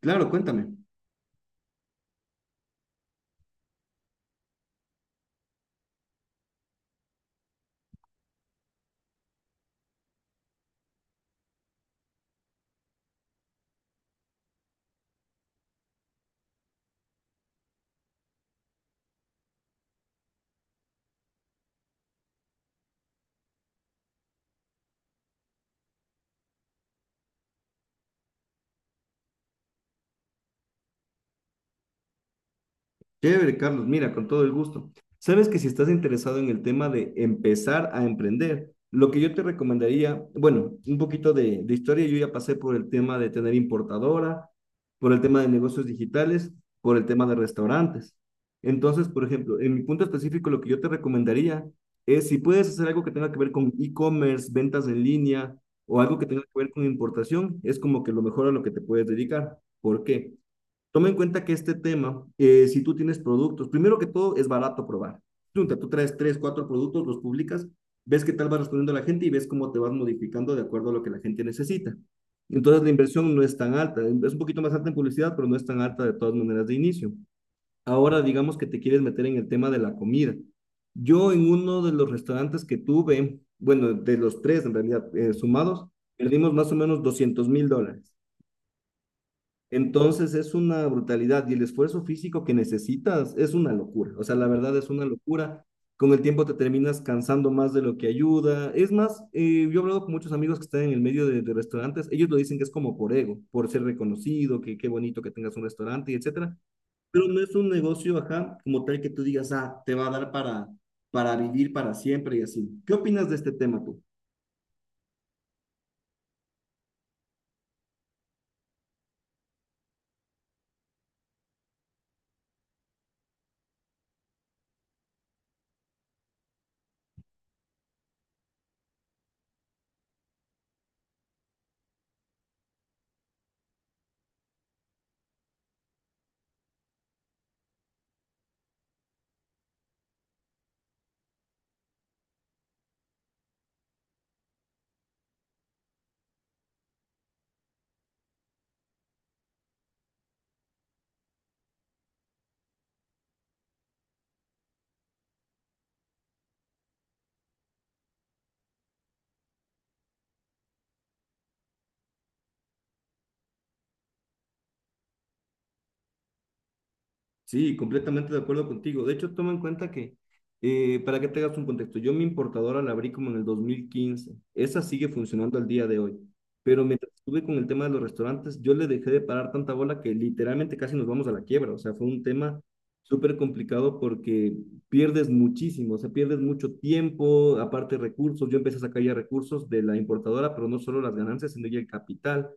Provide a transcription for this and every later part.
Claro, cuéntame. Chévere, Carlos. Mira, con todo el gusto. Sabes que si estás interesado en el tema de empezar a emprender, lo que yo te recomendaría, bueno, un poquito de historia. Yo ya pasé por el tema de tener importadora, por el tema de negocios digitales, por el tema de restaurantes. Entonces, por ejemplo, en mi punto específico, lo que yo te recomendaría es si puedes hacer algo que tenga que ver con e-commerce, ventas en línea o algo que tenga que ver con importación, es como que lo mejor a lo que te puedes dedicar. ¿Por qué? Toma en cuenta que este tema, si tú tienes productos, primero que todo es barato probar. Tú traes tres, cuatro productos, los publicas, ves qué tal va respondiendo la gente y ves cómo te vas modificando de acuerdo a lo que la gente necesita. Entonces la inversión no es tan alta, es un poquito más alta en publicidad, pero no es tan alta de todas maneras de inicio. Ahora digamos que te quieres meter en el tema de la comida. Yo en uno de los restaurantes que tuve, bueno, de los tres en realidad sumados, perdimos más o menos $200,000. Entonces es una brutalidad y el esfuerzo físico que necesitas es una locura. O sea, la verdad es una locura. Con el tiempo te terminas cansando más de lo que ayuda. Es más, yo he hablado con muchos amigos que están en el medio de restaurantes. Ellos lo dicen que es como por ego, por ser reconocido, que qué bonito que tengas un restaurante y etcétera. Pero no es un negocio, ajá, como tal que tú digas, ah, te va a dar para vivir para siempre y así. ¿Qué opinas de este tema tú? Sí, completamente de acuerdo contigo. De hecho, toma en cuenta que, para que te hagas un contexto, yo mi importadora la abrí como en el 2015. Esa sigue funcionando al día de hoy. Pero mientras estuve con el tema de los restaurantes, yo le dejé de parar tanta bola que literalmente casi nos vamos a la quiebra. O sea, fue un tema súper complicado porque pierdes muchísimo, o sea, pierdes mucho tiempo, aparte recursos. Yo empecé a sacar ya recursos de la importadora, pero no solo las ganancias, sino ya el capital.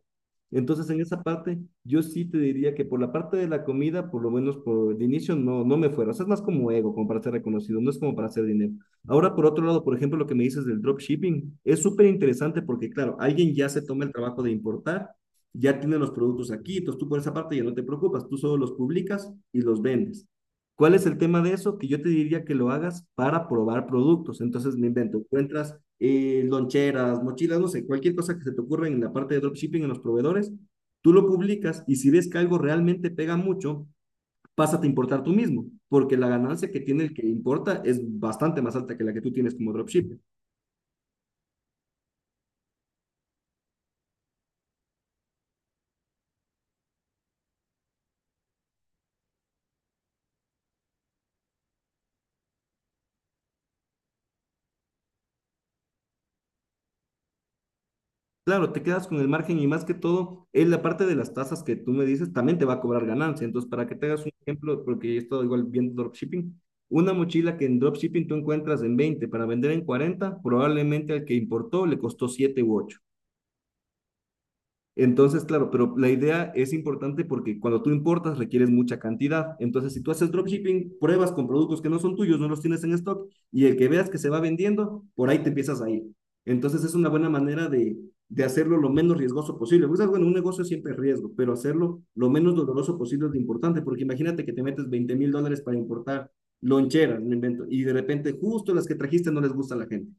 Entonces, en esa parte, yo sí te diría que por la parte de la comida, por lo menos por el inicio, no, no me fuera. O sea, es más como ego, como para ser reconocido, no es como para hacer dinero. Ahora, por otro lado, por ejemplo, lo que me dices del dropshipping, es súper interesante porque, claro, alguien ya se toma el trabajo de importar, ya tiene los productos aquí, entonces tú por esa parte ya no te preocupas, tú solo los publicas y los vendes. ¿Cuál es el tema de eso? Que yo te diría que lo hagas para probar productos. Entonces me invento, encuentras loncheras, mochilas, no sé, cualquier cosa que se te ocurra en la parte de dropshipping, en los proveedores, tú lo publicas y si ves que algo realmente pega mucho, pásate a importar tú mismo, porque la ganancia que tiene el que importa es bastante más alta que la que tú tienes como dropshipper. Claro, te quedas con el margen y más que todo, es la parte de las tasas que tú me dices, también te va a cobrar ganancia. Entonces, para que te hagas un ejemplo, porque he estado igual viendo dropshipping, una mochila que en dropshipping tú encuentras en 20 para vender en 40, probablemente al que importó le costó 7 u 8. Entonces, claro, pero la idea es importante porque cuando tú importas requieres mucha cantidad. Entonces, si tú haces dropshipping, pruebas con productos que no son tuyos, no los tienes en stock y el que veas que se va vendiendo, por ahí te empiezas a ir. Entonces, es una buena manera de hacerlo lo menos riesgoso posible. Porque, bueno, un negocio siempre es riesgo, pero hacerlo lo menos doloroso posible es lo importante, porque imagínate que te metes $20,000 para importar loncheras, me invento, y de repente justo las que trajiste no les gusta a la gente.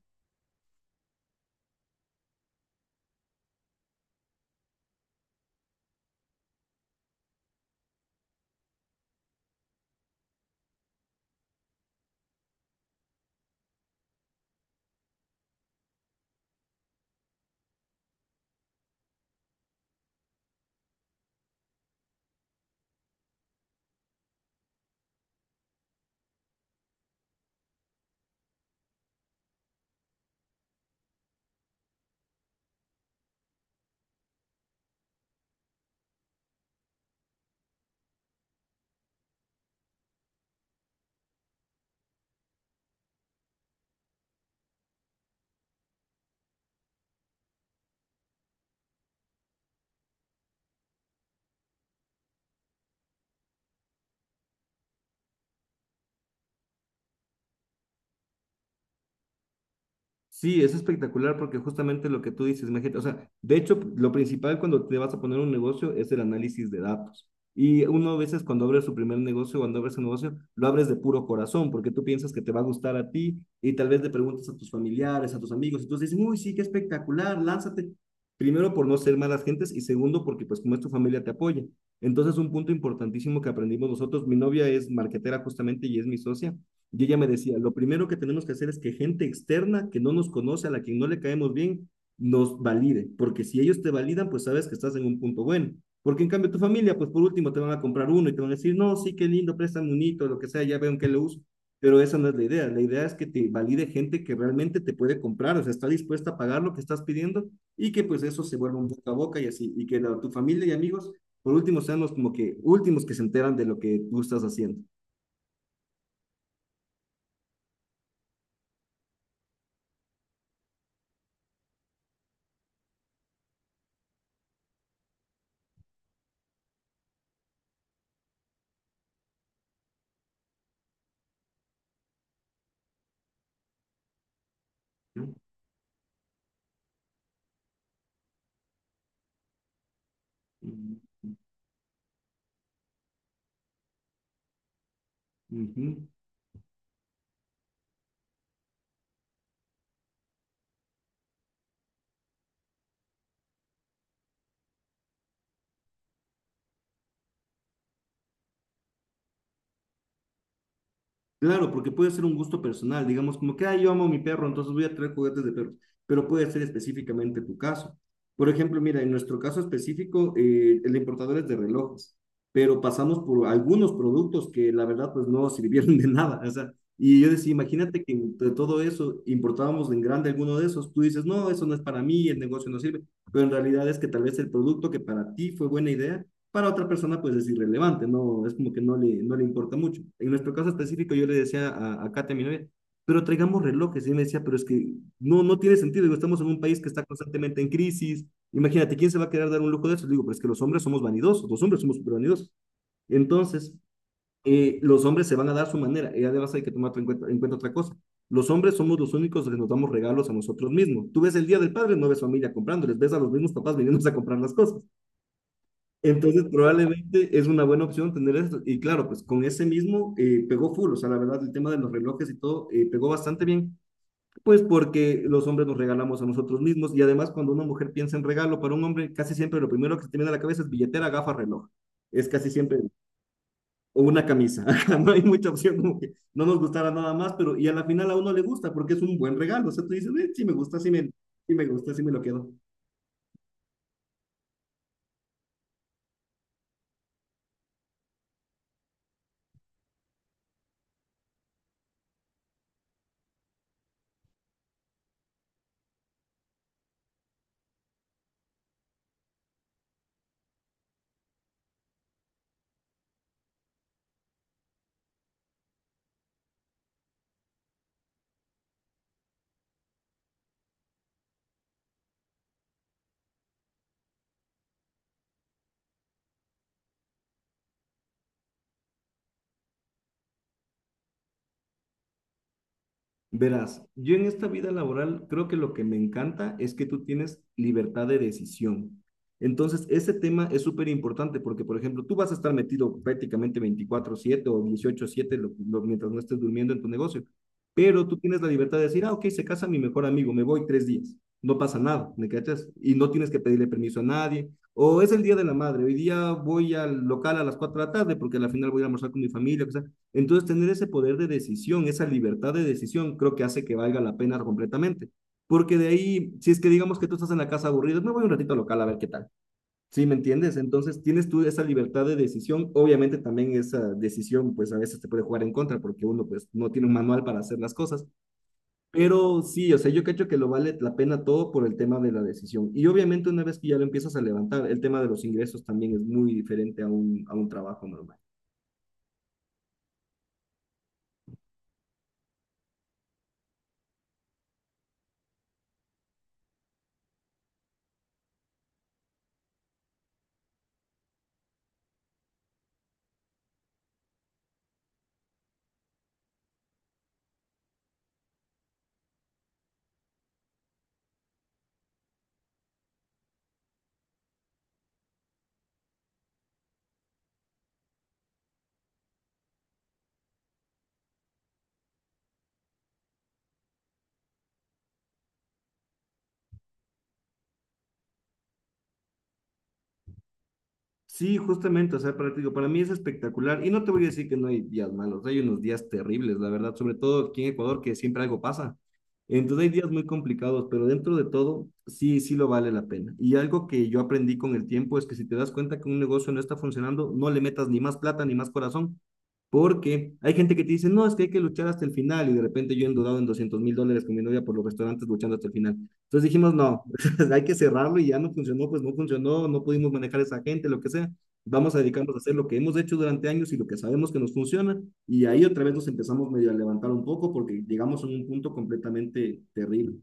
Sí, es espectacular porque justamente lo que tú dices, imagínate, o sea, de hecho, lo principal cuando te vas a poner un negocio es el análisis de datos. Y uno a veces cuando abre su primer negocio, cuando abres un negocio, lo abres de puro corazón porque tú piensas que te va a gustar a ti y tal vez le preguntas a tus familiares, a tus amigos, y todos dicen, uy, sí, qué espectacular, lánzate. Primero por no ser malas gentes y segundo porque pues como es tu familia te apoya. Entonces un punto importantísimo que aprendimos nosotros, mi novia es marketera justamente y es mi socia. Y ella me decía, lo primero que tenemos que hacer es que gente externa que no nos conoce, a la que no le caemos bien, nos valide, porque si ellos te validan, pues sabes que estás en un punto bueno. Porque en cambio tu familia, pues por último te van a comprar uno y te van a decir, no, sí, qué lindo, préstame un hito, lo que sea, ya veo en qué lo uso. Pero esa no es la idea. La idea es que te valide gente que realmente te puede comprar, o sea, está dispuesta a pagar lo que estás pidiendo y que pues eso se vuelva un boca a boca y así, y que la, tu familia y amigos, por último, sean los como que últimos que se enteran de lo que tú estás haciendo. ¿No? Ujú. Claro, porque puede ser un gusto personal, digamos como que, ah, yo amo a mi perro, entonces voy a traer juguetes de perros, pero puede ser específicamente tu caso. Por ejemplo, mira, en nuestro caso específico, el importador es de relojes, pero pasamos por algunos productos que la verdad pues no sirvieron de nada, o sea, y yo decía, imagínate que de todo eso importábamos en grande alguno de esos, tú dices, no, eso no es para mí, el negocio no sirve, pero en realidad es que tal vez el producto que para ti fue buena idea, para otra persona pues es irrelevante, no, es como que no le importa mucho. En nuestro caso específico yo le decía a Katia, mi novia, pero traigamos relojes, y ella me decía, pero es que no, no tiene sentido, digo, estamos en un país que está constantemente en crisis, imagínate, ¿quién se va a querer dar un lujo de eso? Le digo, pero es que los hombres somos vanidosos, los hombres somos súper vanidosos. Entonces, los hombres se van a dar su manera, y además hay que tomar en cuenta otra cosa. Los hombres somos los únicos que nos damos regalos a nosotros mismos. Tú ves el Día del Padre, no ves familia comprándoles, ves a los mismos papás viniéndose a comprar las cosas. Entonces, probablemente es una buena opción tener esto. Y claro, pues con ese mismo pegó full, o sea, la verdad, el tema de los relojes y todo pegó bastante bien, pues porque los hombres nos regalamos a nosotros mismos y además cuando una mujer piensa en regalo para un hombre, casi siempre lo primero que se te viene a la cabeza es billetera, gafa, reloj. Es casi siempre, o una camisa. No hay mucha opción, como que no nos gustara nada más, pero y a la final a uno le gusta porque es un buen regalo. O sea, tú dices, "Sí me gusta, sí me gusta, sí me lo quedo." Verás, yo en esta vida laboral creo que lo que me encanta es que tú tienes libertad de decisión. Entonces, ese tema es súper importante porque, por ejemplo, tú vas a estar metido prácticamente 24/7 o 18/7 mientras no estés durmiendo en tu negocio, pero tú tienes la libertad de decir, ah, ok, se casa mi mejor amigo, me voy 3 días, no pasa nada, ¿me cachas? Y no tienes que pedirle permiso a nadie. O es el día de la madre, hoy día voy al local a las 4 de la tarde porque al final voy a almorzar con mi familia, o sea, entonces, tener ese poder de decisión, esa libertad de decisión, creo que hace que valga la pena completamente. Porque de ahí, si es que digamos que tú estás en la casa aburrido, me voy un ratito al local a ver qué tal. ¿Sí me entiendes? Entonces, tienes tú esa libertad de decisión. Obviamente, también esa decisión, pues a veces te puede jugar en contra porque uno, pues, no tiene un manual para hacer las cosas. Pero sí, o sea, yo creo que lo vale la pena todo por el tema de la decisión. Y obviamente, una vez que ya lo empiezas a levantar, el tema de los ingresos también es muy diferente a un, trabajo normal. Sí, justamente, o sea, para, te digo, para mí es espectacular y no te voy a decir que no hay días malos, hay unos días terribles, la verdad, sobre todo aquí en Ecuador, que siempre algo pasa. Entonces hay días muy complicados, pero dentro de todo, sí, sí lo vale la pena. Y algo que yo aprendí con el tiempo es que si te das cuenta que un negocio no está funcionando, no le metas ni más plata ni más corazón, porque hay gente que te dice, no, es que hay que luchar hasta el final y de repente yo he endeudado en $200,000 con mi novia por los restaurantes luchando hasta el final. Entonces dijimos, no, hay que cerrarlo y ya no funcionó, pues no funcionó, no pudimos manejar a esa gente, lo que sea. Vamos a dedicarnos a hacer lo que hemos hecho durante años y lo que sabemos que nos funciona. Y ahí otra vez nos empezamos medio a levantar un poco porque llegamos a un punto completamente terrible.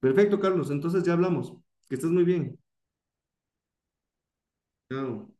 Perfecto, Carlos. Entonces ya hablamos. Que estés muy bien. Chao.